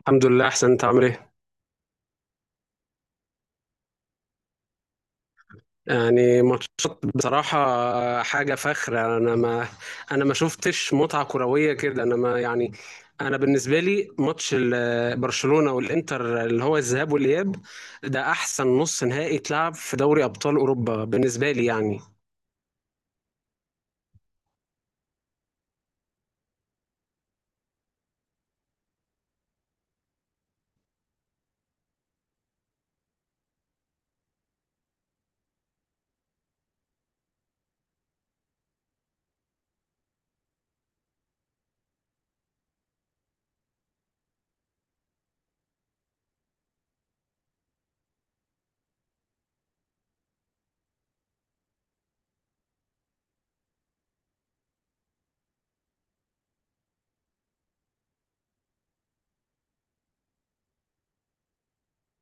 الحمد لله، احسن. انت عامل ايه؟ يعني ماتشات بصراحة. آه، حاجة فخرة يعني. انا ما شفتش متعة كروية كده. انا ما يعني انا بالنسبة لي ماتش برشلونة والانتر، اللي هو الذهاب والاياب. ده احسن نص نهائي اتلعب في دوري ابطال اوروبا بالنسبة لي يعني.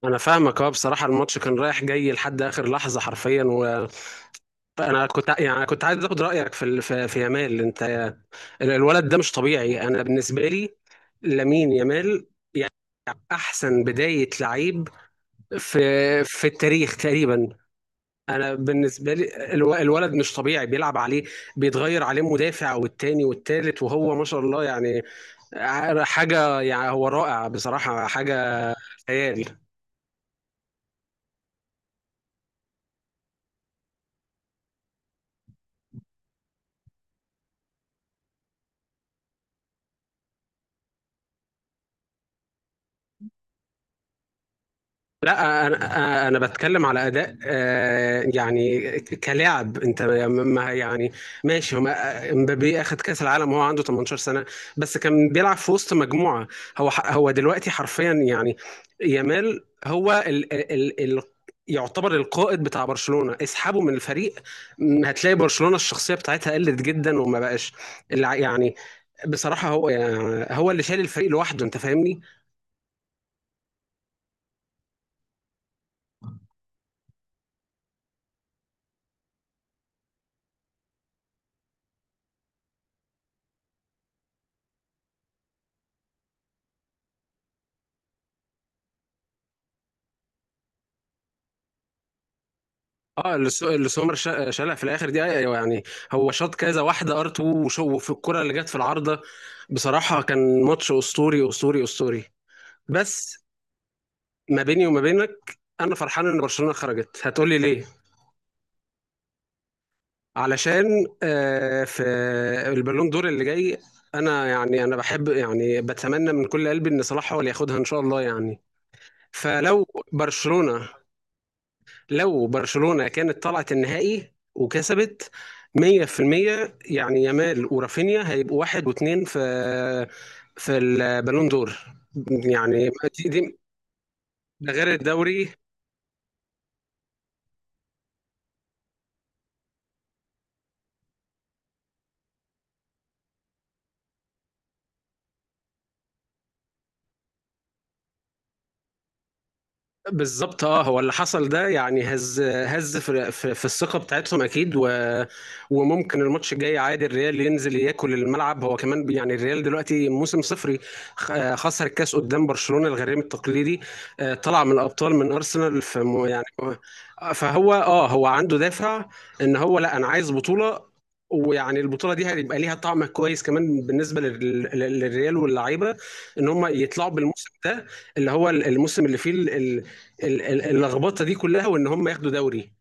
انا فاهمك، اه، بصراحة الماتش كان رايح جاي لحد اخر لحظة حرفيا. وانا كنت يعني أنا كنت عايز اخد رأيك في يامال. انت آه، الولد ده مش طبيعي انا بالنسبة لي. لامين يامال احسن بدايه لعيب في في التاريخ تقريبا. انا بالنسبه لي الولد مش طبيعي، بيلعب عليه، بيتغير عليه مدافع والتاني والتالت، وهو ما شاء الله يعني. حاجه يعني، هو رائع بصراحه، حاجه خيال. لا، انا بتكلم على اداء آه، يعني كلاعب انت ما يعني. ماشي، هو امبابي اخد كاس العالم وهو عنده 18 سنه، بس كان بيلعب في وسط مجموعه. هو دلوقتي حرفيا يعني يامال هو ال ال ال يعتبر القائد بتاع برشلونه. اسحبه من الفريق، هتلاقي برشلونه الشخصيه بتاعتها قلت جدا وما بقاش يعني. بصراحه هو، يعني، اللي شايل الفريق لوحده، انت فاهمني. اه، اللي سومر شالها في الاخر دي، ايوه يعني. هو شاط كذا واحده ار 2، وشو في الكره اللي جت في العارضه. بصراحه كان ماتش اسطوري اسطوري اسطوري. بس ما بيني وما بينك انا فرحان ان برشلونه خرجت. هتقولي ليه؟ علشان آه، في البالون دور اللي جاي، انا بحب، يعني بتمنى من كل قلبي ان صلاح هو اللي ياخدها ان شاء الله يعني. فلو برشلونه لو برشلونة كانت طلعت النهائي وكسبت، 100% يعني يامال ورافينيا هيبقوا واحد واثنين في البالون دور يعني دي ده غير الدوري. بالظبط، اه، هو اللي حصل ده يعني هز، هز في، في الثقه بتاعتهم اكيد، و وممكن الماتش الجاي عادي الريال ينزل ياكل الملعب. هو كمان يعني الريال دلوقتي موسم صفري، خسر الكاس قدام برشلونه الغريم التقليدي، آه، طلع من الابطال من ارسنال في يعني. فهو، هو، عنده دافع ان هو، لا، انا عايز بطوله. ويعني البطوله دي هيبقى ليها طعم كويس كمان بالنسبه للريال واللعيبه، ان هم يطلعوا بالموسم ده، اللي هو الموسم اللي فيه اللخبطه دي كلها، وان هم ياخدوا دوري.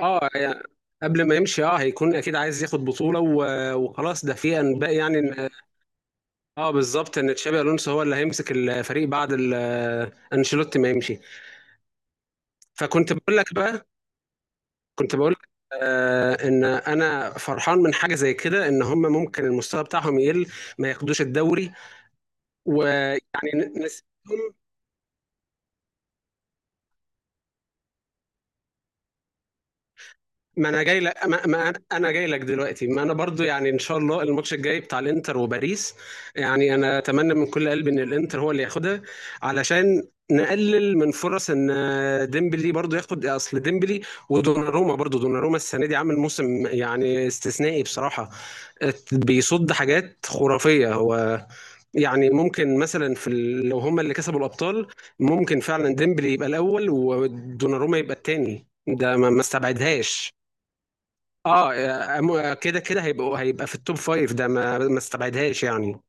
اه يعني، قبل ما يمشي اه هيكون اكيد عايز ياخد بطوله وخلاص. ده في انباء يعني ان، اه، بالظبط، ان تشابي الونسو هو اللي هيمسك الفريق بعد انشيلوتي ما يمشي. فكنت بقول لك بقى كنت بقول لك آه، ان انا فرحان من حاجه زي كده، ان هم ممكن المستوى بتاعهم يقل، ما ياخدوش الدوري ويعني نسيبهم. ما انا جاي لك ما ما أنا- انا جاي لك دلوقتي. ما انا برضو يعني ان شاء الله الماتش الجاي بتاع الانتر وباريس، يعني انا اتمنى من كل قلبي ان الانتر هو اللي ياخدها، علشان نقلل من فرص ان ديمبلي برضو ياخد. اصل ديمبلي ودوناروما، برضو دوناروما السنه دي عامل موسم يعني استثنائي بصراحه. بيصد حاجات خرافيه هو، يعني ممكن مثلا في لو هما اللي كسبوا الابطال، ممكن فعلا ديمبلي يبقى الاول ودوناروما يبقى الثاني، ده ما استبعدهاش. اه، كده كده هيبقى في التوب فايف، ده ما استبعدهاش يعني.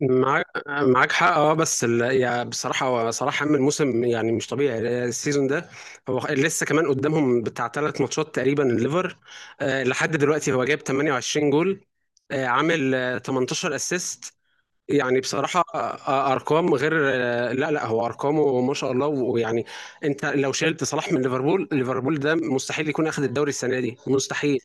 معاك حق، اه، بس يعني بصراحه، صراحه عامل موسم يعني مش طبيعي السيزون ده. هو لسه كمان قدامهم بتاع ثلاث ماتشات تقريبا الليفر. آه، لحد دلوقتي هو جايب 28 جول، آه، عامل آه 18 اسيست يعني. بصراحه ارقام غير، لا لا، هو ارقامه ما شاء الله ويعني، انت لو شلت صلاح من ليفربول، ليفربول ده مستحيل يكون اخذ الدوري السنه دي، مستحيل.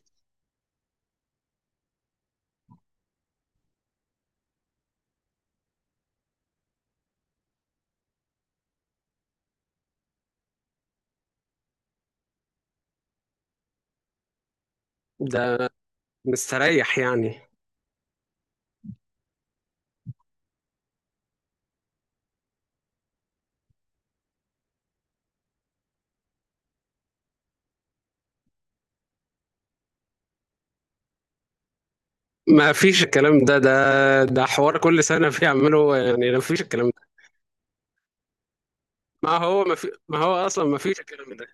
ده مستريح يعني. ما فيش الكلام ده، ده حوار كل سنة بيعمله يعني، ما فيش الكلام ده. ما هو أصلا ما فيش الكلام ده.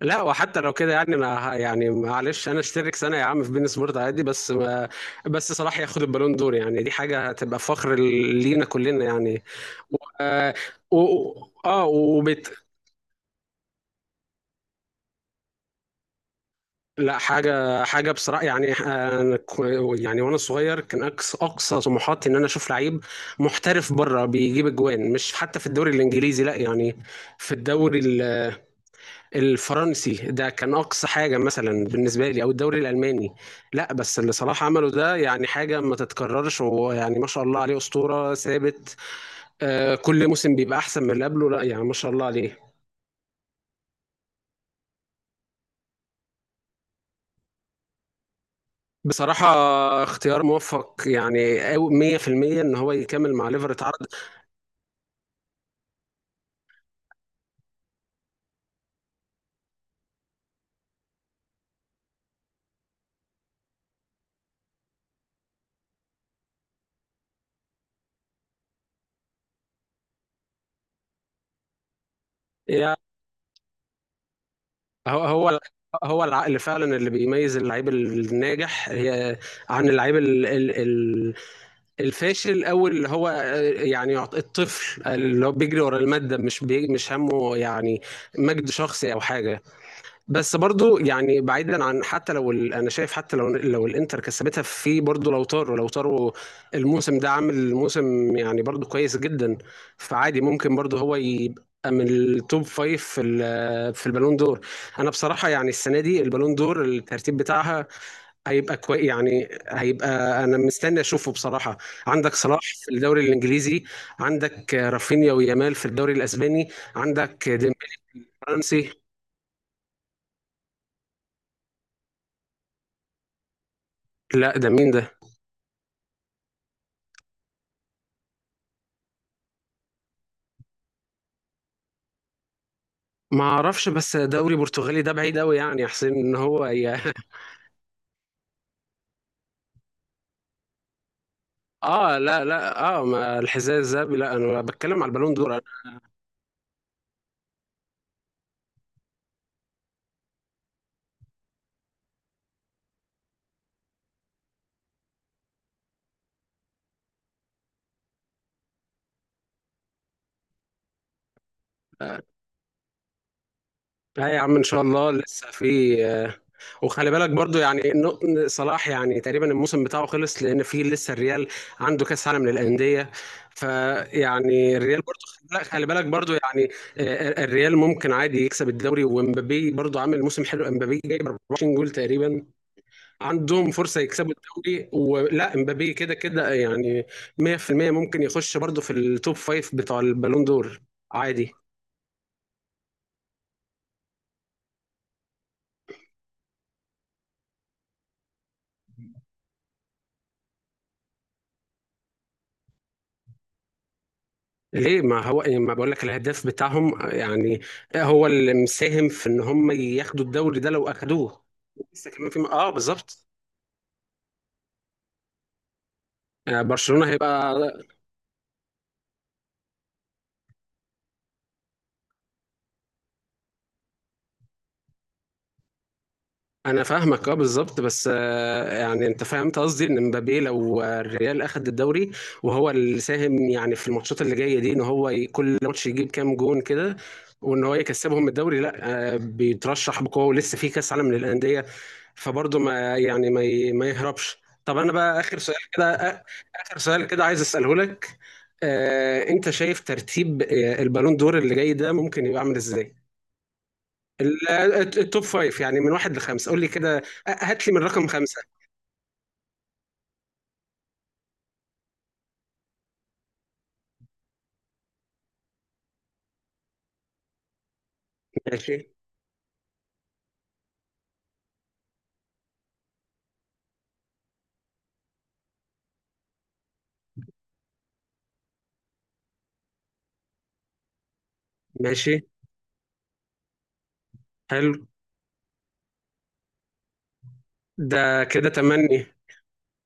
لا، وحتى لو كده، يعني أنا يعني معلش أنا أشترك سنة يا عم في بين سبورت، عادي، بس ما بس صلاح ياخد البالون دور، يعني دي حاجة هتبقى فخر لينا كلنا يعني و- آه وبالتالي، لا، حاجة حاجة بصراحة يعني آه، أنا يعني وأنا صغير كان أقصى أقصى طموحاتي إن أنا أشوف لعيب محترف بره بيجيب أجوان، مش حتى في الدوري الإنجليزي، لا يعني، في الدوري الفرنسي، ده كان أقصى حاجة مثلا بالنسبة لي أو الدوري الألماني. لا، بس اللي صلاح عمله ده يعني حاجة ما تتكررش، ويعني ما شاء الله عليه، أسطورة ثابت. آه، كل موسم بيبقى أحسن من اللي قبله، لا يعني ما شاء الله عليه. بصراحة اختيار موفق يعني، أو 100% إن هو يكمل مع ليفر اتعرض. يعني هو هو هو العقل فعلا اللي بيميز اللعيب الناجح، هي، عن اللعيب الفاشل، او اللي هو آه، يعني الطفل اللي هو بيجري ورا المادة، مش همه يعني مجد شخصي او حاجة. بس برضو يعني، بعيدا عن، حتى لو انا شايف حتى لو الانتر كسبتها، في برضو لوتارو، لوتارو الموسم ده عامل موسم يعني برضو كويس جدا. فعادي ممكن برضو هو يبقى من التوب فايف في في البالون دور. انا بصراحه يعني السنه دي البالون دور، الترتيب بتاعها هيبقى كويس يعني. انا مستني اشوفه بصراحه. عندك صلاح في الدوري الانجليزي، عندك رافينيا ويامال في الدوري الاسباني، عندك ديمبلي الفرنسي. لا، ده مين ده؟ ما اعرفش، بس دوري برتغالي ده بعيد قوي يعني يا حسين ان هو. اه، لا لا، اه، ما الحذاء الذهبي، لا انا بتكلم على البالون دور. انا، لا يا عم، ان شاء الله لسه في آه، وخلي بالك برضو يعني صلاح يعني تقريبا الموسم بتاعه خلص، لان في لسه الريال عنده كاس عالم للانديه. فيعني الريال برضو، لا، خلي بالك برضو يعني الريال ممكن عادي يكسب الدوري، ومبابي برضو عامل موسم حلو، مبابي جايب 24 جول تقريبا. عندهم فرصة يكسبوا الدوري، ولا امبابي كده كده يعني 100% ممكن يخش برضه في التوب فايف بتاع البالون دور، عادي. ليه؟ ما هو ما بقول لك، الهداف بتاعهم يعني هو اللي مساهم في ان هم ياخدوا الدوري ده لو اخدوه. لسه كمان في اه بالظبط. آه، برشلونة هيبقى. انا فاهمك، اه، بالظبط، بس آه، يعني انت فهمت قصدي ان مبابي، لو آه، الريال اخد الدوري وهو اللي ساهم يعني في الماتشات اللي جايه دي، ان هو كل ماتش يجيب كام جون كده وان هو يكسبهم الدوري، لا، آه، بيترشح بقوه، ولسه في كاس عالم للانديه. فبرضه ما يعني ما ي- ما يهربش. طب انا بقى اخر سؤال كده اخر سؤال كده عايز اساله لك. آه، انت شايف ترتيب آه، البالون دور اللي جاي ده ممكن يبقى عامل ازاي؟ التوب فايف يعني، من واحد لخمسة، قول لي كده، هات لي من رقم خمسة. ماشي. ماشي. حلو. ده كده تمني.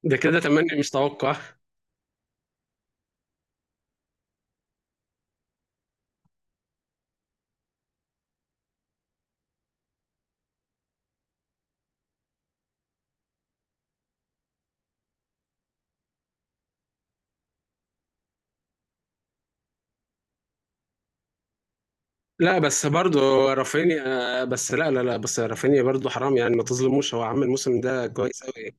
ده كده تمني مش توقع. لا، بس برضه رافينيا، بس لا لا لا، بس رافينيا برضه حرام يعني، ما تظلموش، هو عامل الموسم ده كويس قوي.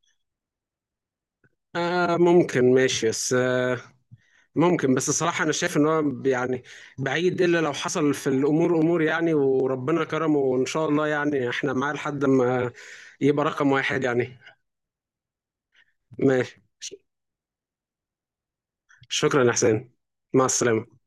آه، ممكن، ماشي، بس آه، ممكن، بس الصراحة أنا شايف إن هو يعني بعيد، إلا لو حصل في الأمور أمور يعني، وربنا كرمه، وإن شاء الله يعني إحنا معاه لحد ما يبقى رقم واحد يعني. ماشي. شكرا يا حسين. مع السلامة.